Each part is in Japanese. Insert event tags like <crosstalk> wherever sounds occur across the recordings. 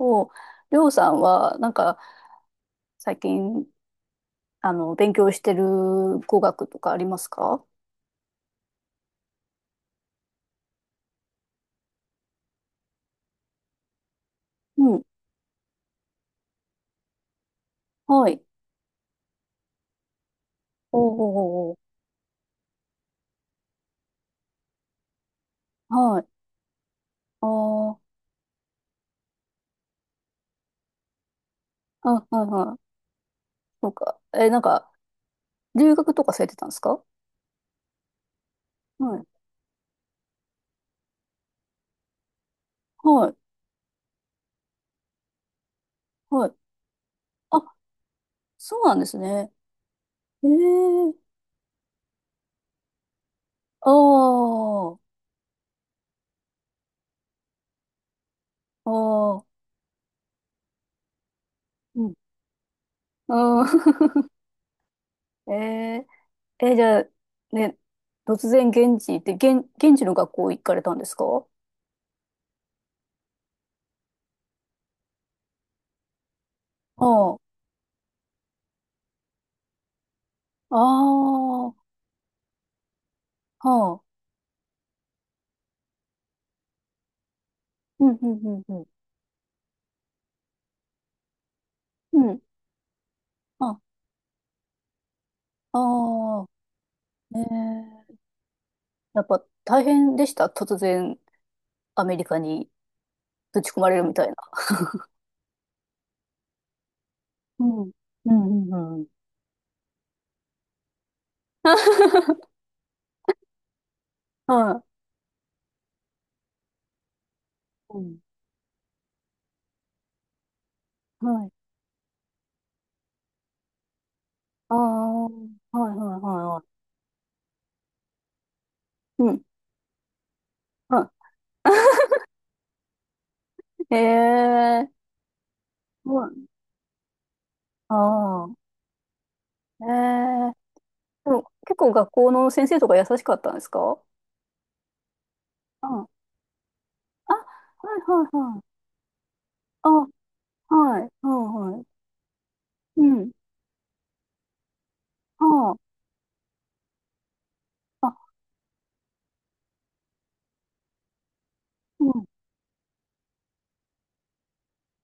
お、りょうさんは、最近、勉強してる語学とかありますか？うん。はい。おーおーおーおーはい。あーあ、はいはいはい。そうか。え、留学とかされてたんですか？はい。はい。はい。あ、そうなんですね。ええ。ああ、あーあー、うん。ああ。<laughs> えー、え、じゃあ、ね、突然現地行って、現地の学校行かれたんですか？ああ。ああ、はあ。うん、うん、うん、うん。うん。あ、ああ、ええ。やっぱ大変でした。突然アメリカにぶち込まれるみたいな。うん。うん、うん、うん。<laughs> はい。うん。はい。ああ、はい、はい、はい、はい。うん。はい。<laughs> ええ。はい。ああ。ええ。でも結構学校の先生とか優しかったんですか？ああ、はい、はい、はい。あ、はい、はい、はい。うん。ああ、あ、うん。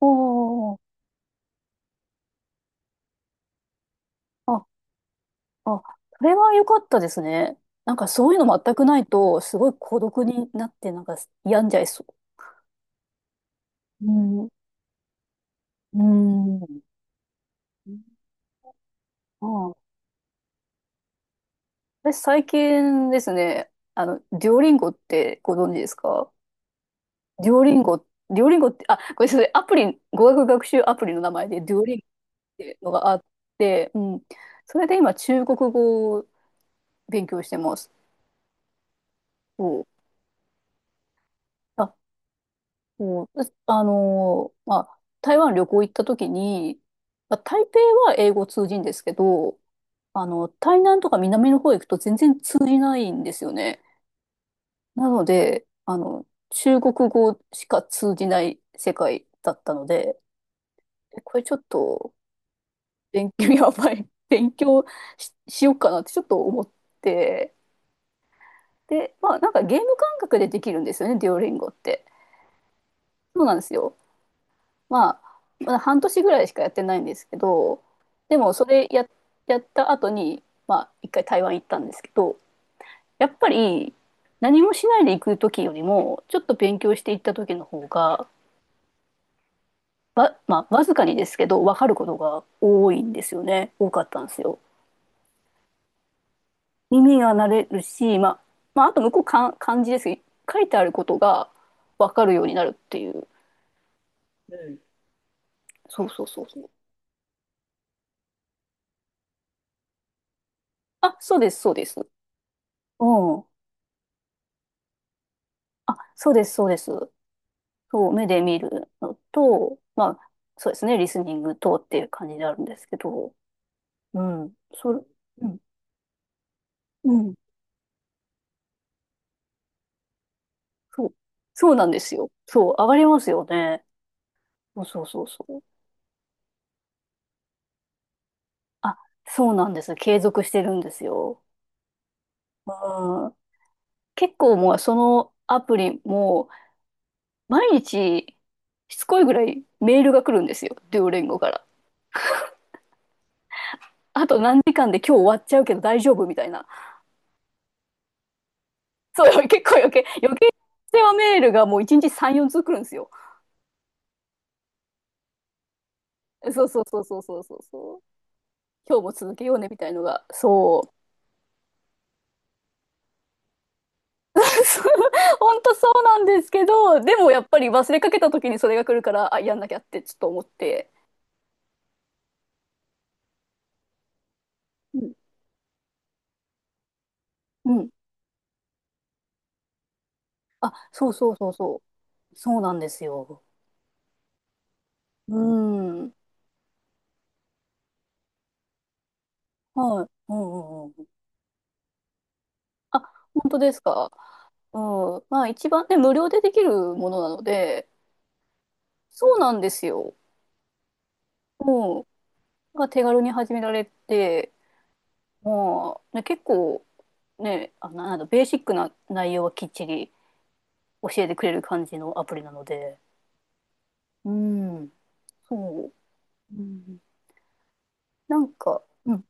おー、あ、あ、それは良かったですね。なんかそういうの全くないと、すごい孤独になって、なんか病んじゃいそう。うん、うん。ああ、私最近ですね、デュオリンゴってご存知ですか？デュオリンゴ、デュオリンゴって、あ、ごめんなさい、アプリ、語学学習アプリの名前でデュオリンゴっていうのがあって、うん。それで今中国語を勉強してます。そう。あ、もう、まあ、台湾旅行行った時に、まあ、台北は英語通じんですけど、台南とか南の方行くと全然通じないんですよね。なので、中国語しか通じない世界だったので、えこれちょっと勉強 <laughs> やばい。<laughs> 勉強し、しようかなってちょっと思って。で、まあなんかゲーム感覚でできるんですよね、デュオリンゴって。そうなんですよ。まあ、まだ半年ぐらいしかやってないんですけど、でもそれや、やった後に、まあ、一回台湾行ったんですけど、やっぱり何もしないで行く時よりも、ちょっと勉強して行った時の方が、まあ、わずかにですけど、分かることが多いんですよね。多かったんですよ。耳が慣れるし、まあ、まあ、あと向こう漢字ですけど、書いてあることが分かるようになるっていう。そうそうそうそう。あ、そうです、そうです。うん。あ、そうです、そうです。そう、目で見るのと、まあ、そうですね、リスニングとっていう感じであるんですけど、うん、それ、うん、うん、そう、そうなんですよ。そう、上がりますよね。そうそうそうそう。あ、そうなんです。継続してるんですよ。うん、結構もうそのアプリも毎日しつこいぐらいメールが来るんですよ。デュオレンゴから。あと何時間で今日終わっちゃうけど大丈夫みたいな。そう、結構余計、世話メールがもう1日3、4通来るんですよ。そうそうそうそうそうそうそう。今日も続けようねみたいのが、そう。<laughs> そう本当そうなんですけど、でもやっぱり忘れかけた時にそれが来るから、あ、やんなきゃってちょっと思って。うん。うん。あ、そうそうそうそう。そうなんですよ。うん。はい。うんうんうん。あ、本当ですか。うん。まあ一番ね、無料でできるものなので、そうなんですよ。うん。が手軽に始められて、まあ、ね、結構、ね、あのなんだベーシックな内容はきっちり教えてくれる感じのアプリなので、うん、そう、うん。なんか、うん、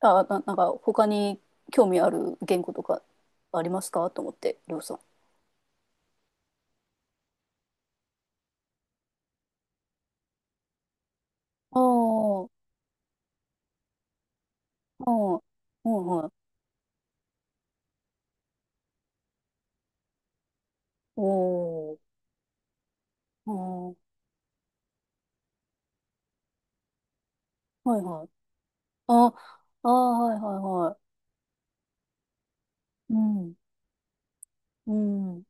なんか他に興味ある言語とかありますかと思って、りょうさん。ああ、ああ、はいはい。おお、ああ、はいはい。あ、ああ、はいはいはい。うん、うん。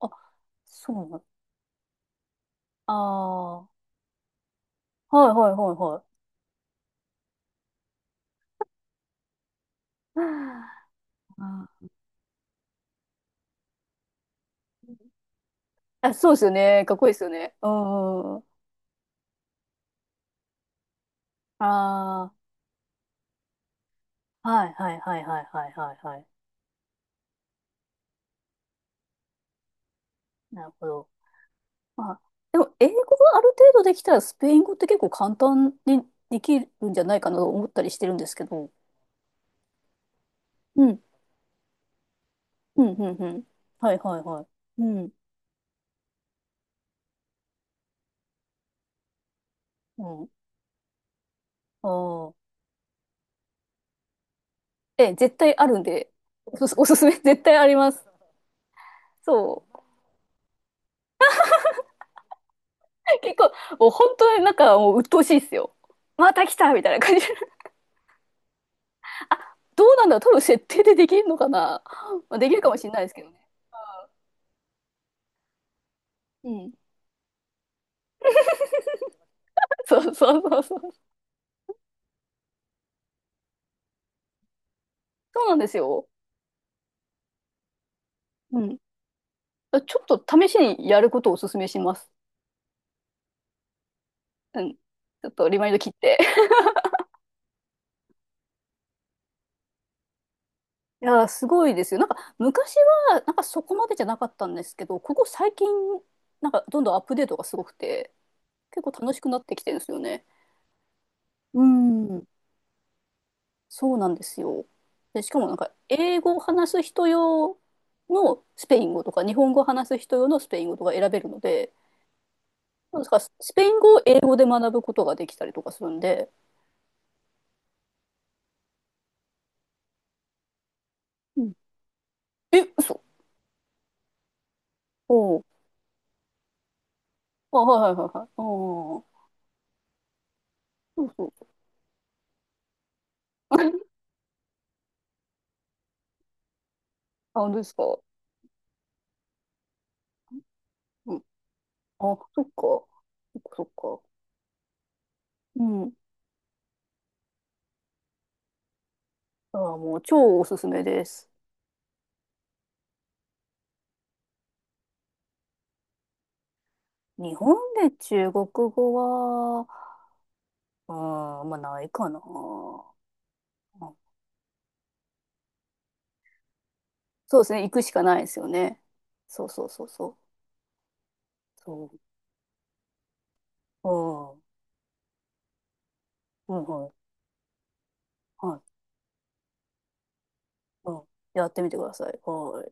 あ、そうなの。ああ、はいはいはいはい。<laughs> あ。ああ、そうですよね。かっこいいですよね。うんうんうん。ああ、はいはいはいはいはいはいはい。なるほど。まあ、でも、英語がある程度できたら、スペイン語って結構簡単にできるんじゃないかなと思ったりしてるんですけど。うん、うん、うん、うん。はいはいはい。うん、うん。ああ。え、絶対あるんで、おすすめ絶対あります。そう。結構、もう本当になんかもう鬱陶しいっすよ。また来たみたいな感じ。どうなんだろう多分設定でできるのかな、まあ、できるかもしれないですけどね。うん。<laughs> そうそうそうそう。そうなんですよ。うん。ちょっと試しにやることをお勧めします。うん。ちょっとリマインド切って。<laughs> いやー、すごいですよ。なんか昔は、なんかそこまでじゃなかったんですけど、ここ最近、なんかどんどんアップデートがすごくて、結構楽しくなってきてるんですよね。うん。そうなんですよ。で、しかもなんか、英語を話す人用のスペイン語とか、日本語を話す人用のスペイン語とか選べるので、なんですか、スペイン語を英語で学ぶことができたりとかするんで、うん。え、嘘。おう。あ、はいはいはいはい。ああ、そうそう。<laughs> あ、本当ですか。うん。あ、そっか。そっかそっか。うん。あ、もう超おすすめです。日本で中国語は、うん、まあないかな。そうですね。行くしかないですよね。そうそうそうそう。そう。うん。うん、はい。はい。うん。やってみてください。はい。